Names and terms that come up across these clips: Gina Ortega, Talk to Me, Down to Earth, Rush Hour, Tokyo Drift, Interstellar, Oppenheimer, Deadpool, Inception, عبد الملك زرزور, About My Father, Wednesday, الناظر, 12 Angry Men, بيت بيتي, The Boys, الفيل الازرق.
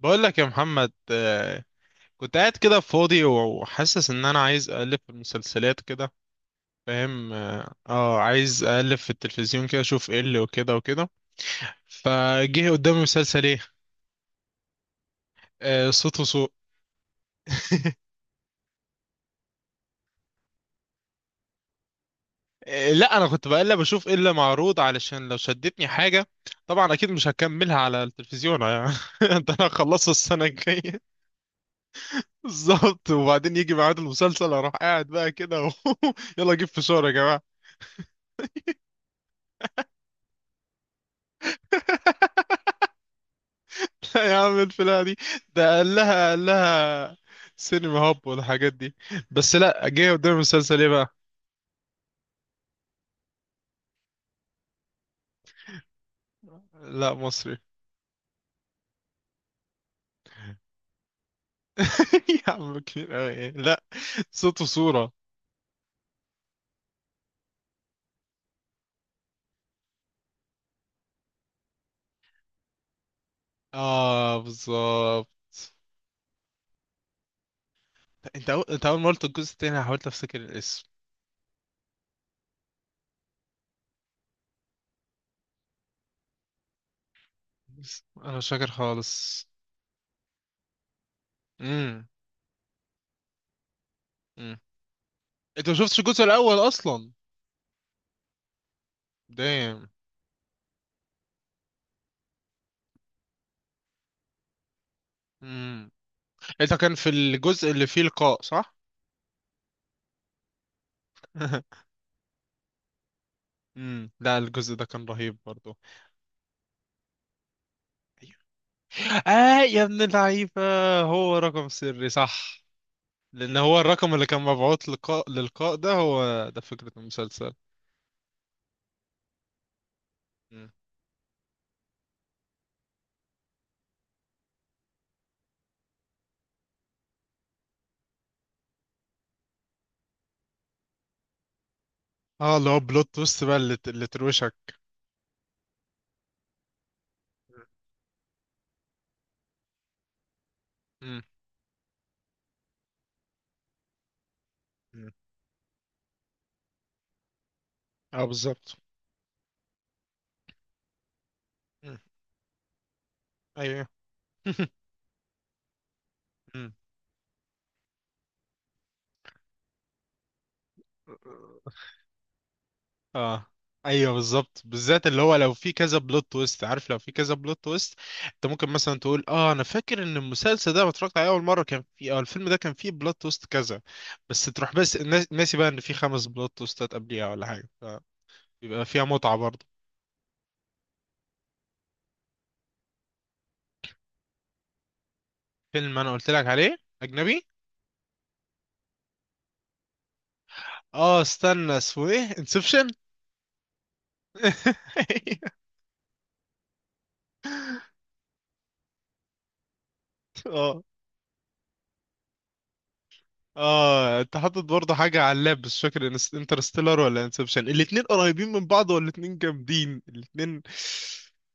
بقول لك يا محمد، كنت قاعد كده فاضي وحاسس ان انا عايز اقلب في المسلسلات كده. فاهم؟ عايز اقلب في التلفزيون كده اشوف ايه اللي وكده وكده. فجه قدامي مسلسل ايه، صوت وسوق. لا انا كنت بقلب اشوف ايه اللي معروض علشان لو شدتني حاجة. طبعا اكيد مش هكملها على التلفزيون يعني. ده انا هخلصه السنة الجاية. بالظبط، وبعدين يجي ميعاد المسلسل اروح قاعد بقى كده و. يلا جيب فشار يا جماعة. يا عم الفلاحة دي، ده قال لها سينما هاب والحاجات دي، بس لا جه قدام المسلسل ايه بقى. لا مصري. يا عم كبير أوي إيه؟ لا، صوت وصورة. اه بالظبط. انت اول ما قلت الجزء التاني أنا حاولت افتكر الاسم. بس انا مش فاكر خالص. امم. امم، انت ما شفتش الجزء الاول اصلا. دايم. امم، انت كان في الجزء اللي فيه لقاء صح؟ امم، لا الجزء ده كان رهيب برضو. آه يا ابن اللعيبة، هو رقم سري صح، لأن هو الرقم اللي كان مبعوث للقاء ده، هو ده فكرة المسلسل. مم. اه اللي هو بلوت تويست بقى اللي تروشك. مم. مم. اه بالظبط. مم. ايوه. مم. اه ايوه بالظبط، بالذات اللي هو لو في كذا بلوت تويست عارف، لو في كذا بلوت تويست انت ممكن مثلا تقول اه انا فاكر ان المسلسل ده لما اتفرجت عليه اول مره كان في اه الفيلم ده كان فيه بلوت تويست كذا، بس تروح بس ناسي بقى ان في خمس بلوت تويستات قبليها ولا حاجه. فبيبقى فيها متعه برضه. فيلم انا قلت لك عليه اجنبي. اه استنى اسمه ايه، انسبشن. اه. اه انت حاطط برضه حاجة على اللاب بس مش فاكر انترستيلر ولا انسبشن، الاتنين قريبين من بعض والاتنين جامدين الاتنين.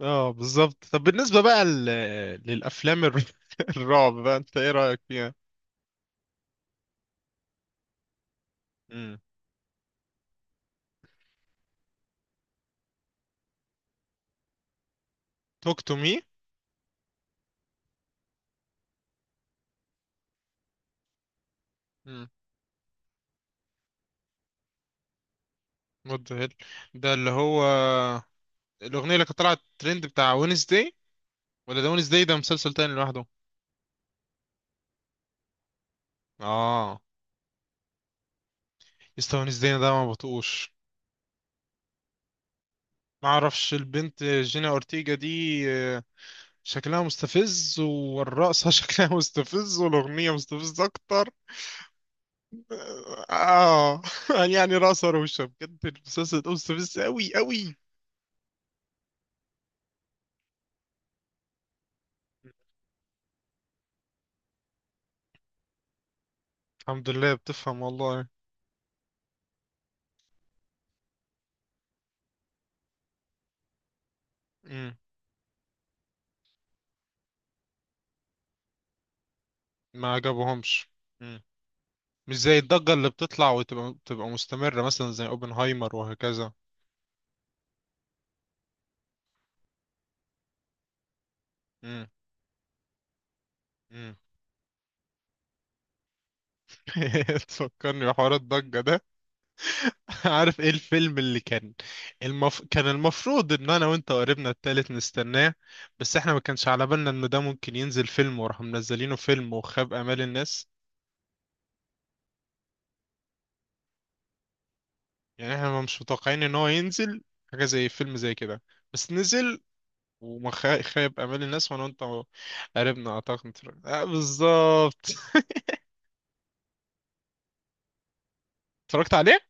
اه بالظبط. طب بالنسبة بقى للأفلام الر... الرعب بقى انت ايه رأيك فيها؟ امم. توك تو مي. امم. وات ذا هيل، ده اللي هو الأغنية اللي كانت طلعت ترند بتاع وينزداي، ولا ده وينزداي ده مسلسل تاني لوحده؟ اه. يسطا وينزداي ده ما بطقوش. ما اعرفش البنت جينا اورتيجا دي شكلها مستفز، والرقصة شكلها مستفز، والأغنية مستفزة أكتر. آه يعني رقصة روشة بجد، المسلسل ده مستفز أوي أوي. الحمد لله بتفهم والله. مم. ما عجبهمش. مم. مش زي الضجة اللي بتطلع وتبقى تبقى مستمرة مثلا زي أوبنهايمر وهكذا. مم. مم. تفكرني بحوار الضجة ده. عارف ايه الفيلم اللي كان، كان المفروض ان انا وانت وقريبنا التالت نستناه، بس احنا ما كانش على بالنا انه ده ممكن ينزل فيلم، وراح منزلينه فيلم وخاب امال الناس. يعني احنا مش متوقعين ان هو ينزل حاجة زي فيلم زي كده، بس نزل وما خا- خاب امال الناس وانا وانت. قريبنا اعتقد آه بالظبط. اتفرجت عليه.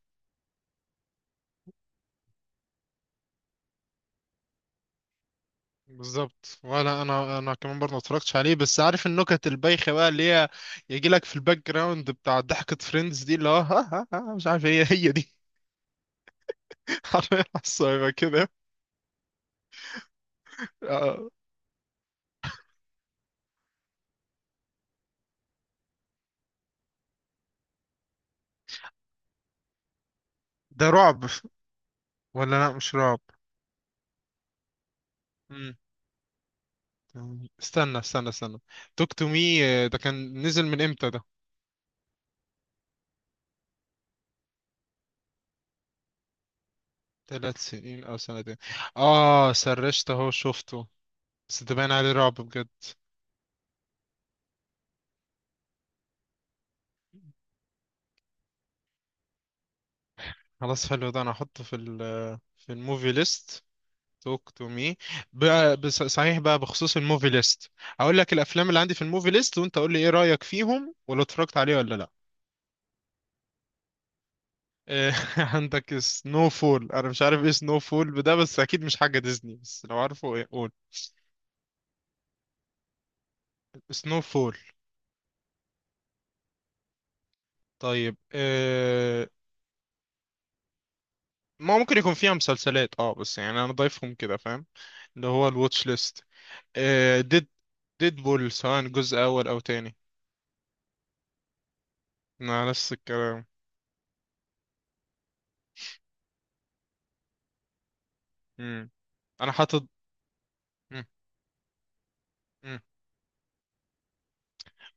بالظبط، ولا انا كمان برضه ما اتفرجتش عليه، بس عارف النكت البايخه بقى اللي هي يجي لك في الباك جراوند بتاع ضحكه فريندز دي، اللي هو ها ها ها مش عارف هي هي دي. حرفيا، على كده. آه. ده رعب ولا لا مش رعب؟ مم. استنى استنى استنى، توك تو مي ده كان نزل من امتى ده؟ ثلاث سنين او سنتين. اه سرشت اهو شفته، بس ده باين عليه رعب بجد. خلاص، حلو ده انا هحطه في الموفي ليست. توك تو مي. صحيح بقى، بخصوص الموفي ليست، هقول لك الافلام اللي عندي في الموفي ليست وانت قول لي ايه رايك فيهم، ولو اتفرجت عليه ولا لا. إيه، عندك سنو فول. انا مش عارف ايه سنو فول ده، بس اكيد مش حاجه ديزني، بس لو عارفه ايه قول. سنو فول. طيب إيه، ما ممكن يكون فيها مسلسلات اه، بس يعني انا ضايفهم كده فاهم، اللي هو الواتش ليست. آه، ديد ديدبول سواء جزء اول او تاني. مع نفس الكلام. مم. انا حاطط. مم. مم.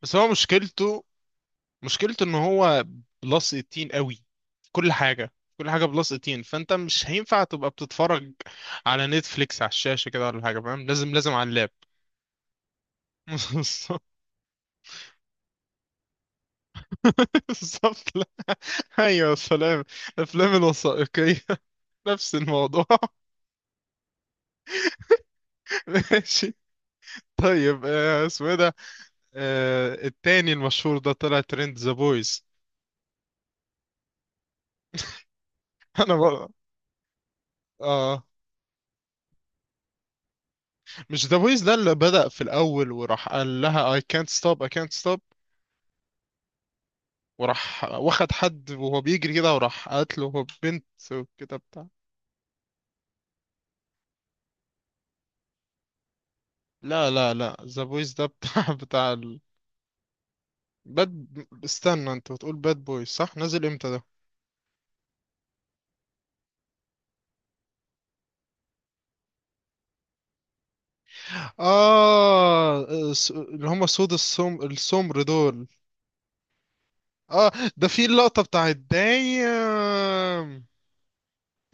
بس هو مشكلته، مشكلته ان هو بلس 18 قوي. كل حاجه، كل حاجه بلس 18. فانت مش هينفع تبقى بتتفرج على نتفليكس على الشاشه كده ولا حاجه فاهم، لازم لازم على اللاب. بالظبط. لا، ايوه سلام. الافلام الوثائقيه نفس الموضوع. ماشي. طيب اسمه ايه ده، التاني المشهور ده طلع ترند، ذا بويز. انا بقى. اه، مش ذا بويز ده اللي بدأ في الاول وراح قال لها I can't stop I can't stop، وراح واخد حد وهو بيجري كده وراح قتله، هو بنت وكده بتاع. لا لا لا ذا بويز ده بتاع باد، استنى انت بتقول باد بويز صح، نزل امتى ده؟ اه اللي هم سود السمر دول. اه، ده في اللقطة بتاعت دايم.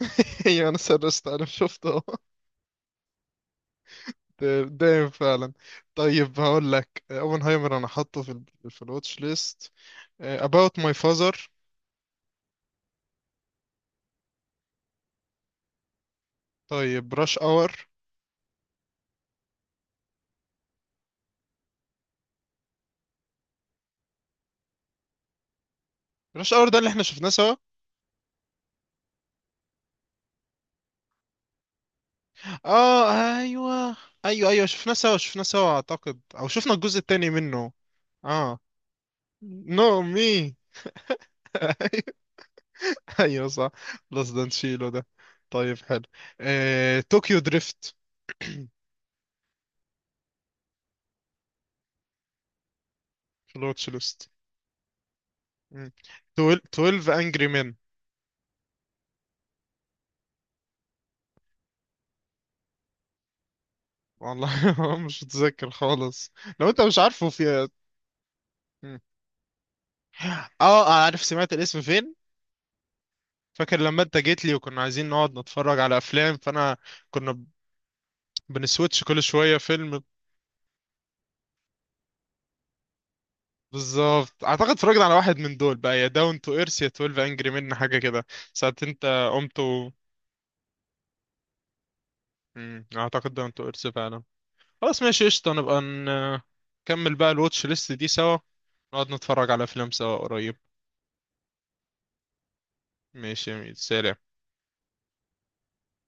هي انا سرست انا شفته. دايم فعلا. طيب هقول لك اوبنهايمر انا حاطه في الواتش ليست. آه، about my father. طيب rush hour. رش اور ده اللي احنا شفناه سوا. اه ايوه، ايوه ايوه شفناه سوا اعتقد، او شفنا الجزء التاني منه. اه. نو مي. ايوه صح. بلس ده نشيله ده. طيب حلو. آه، طوكيو دريفت. في الواتش ليست. مم. 12 انجري مان. والله مش متذكر خالص. لو انت مش عارفه في. مم. اه عارف سمعت الاسم فين؟ فاكر لما انت جيت لي وكنا عايزين نقعد نتفرج على افلام، فانا كنا بنسويتش كل شوية فيلم. بالظبط، اعتقد اتفرجت على واحد من دول بقى، يا داون تو ايرث يا 12 انجري من حاجة كده، ساعة انت قمت. مم، اعتقد داون تو ايرث فعلا. خلاص ماشي قشطة، نبقى نكمل بقى الواتش ليست دي سوا، نقعد نتفرج على افلام سوا قريب. ماشي يا ميت سلام.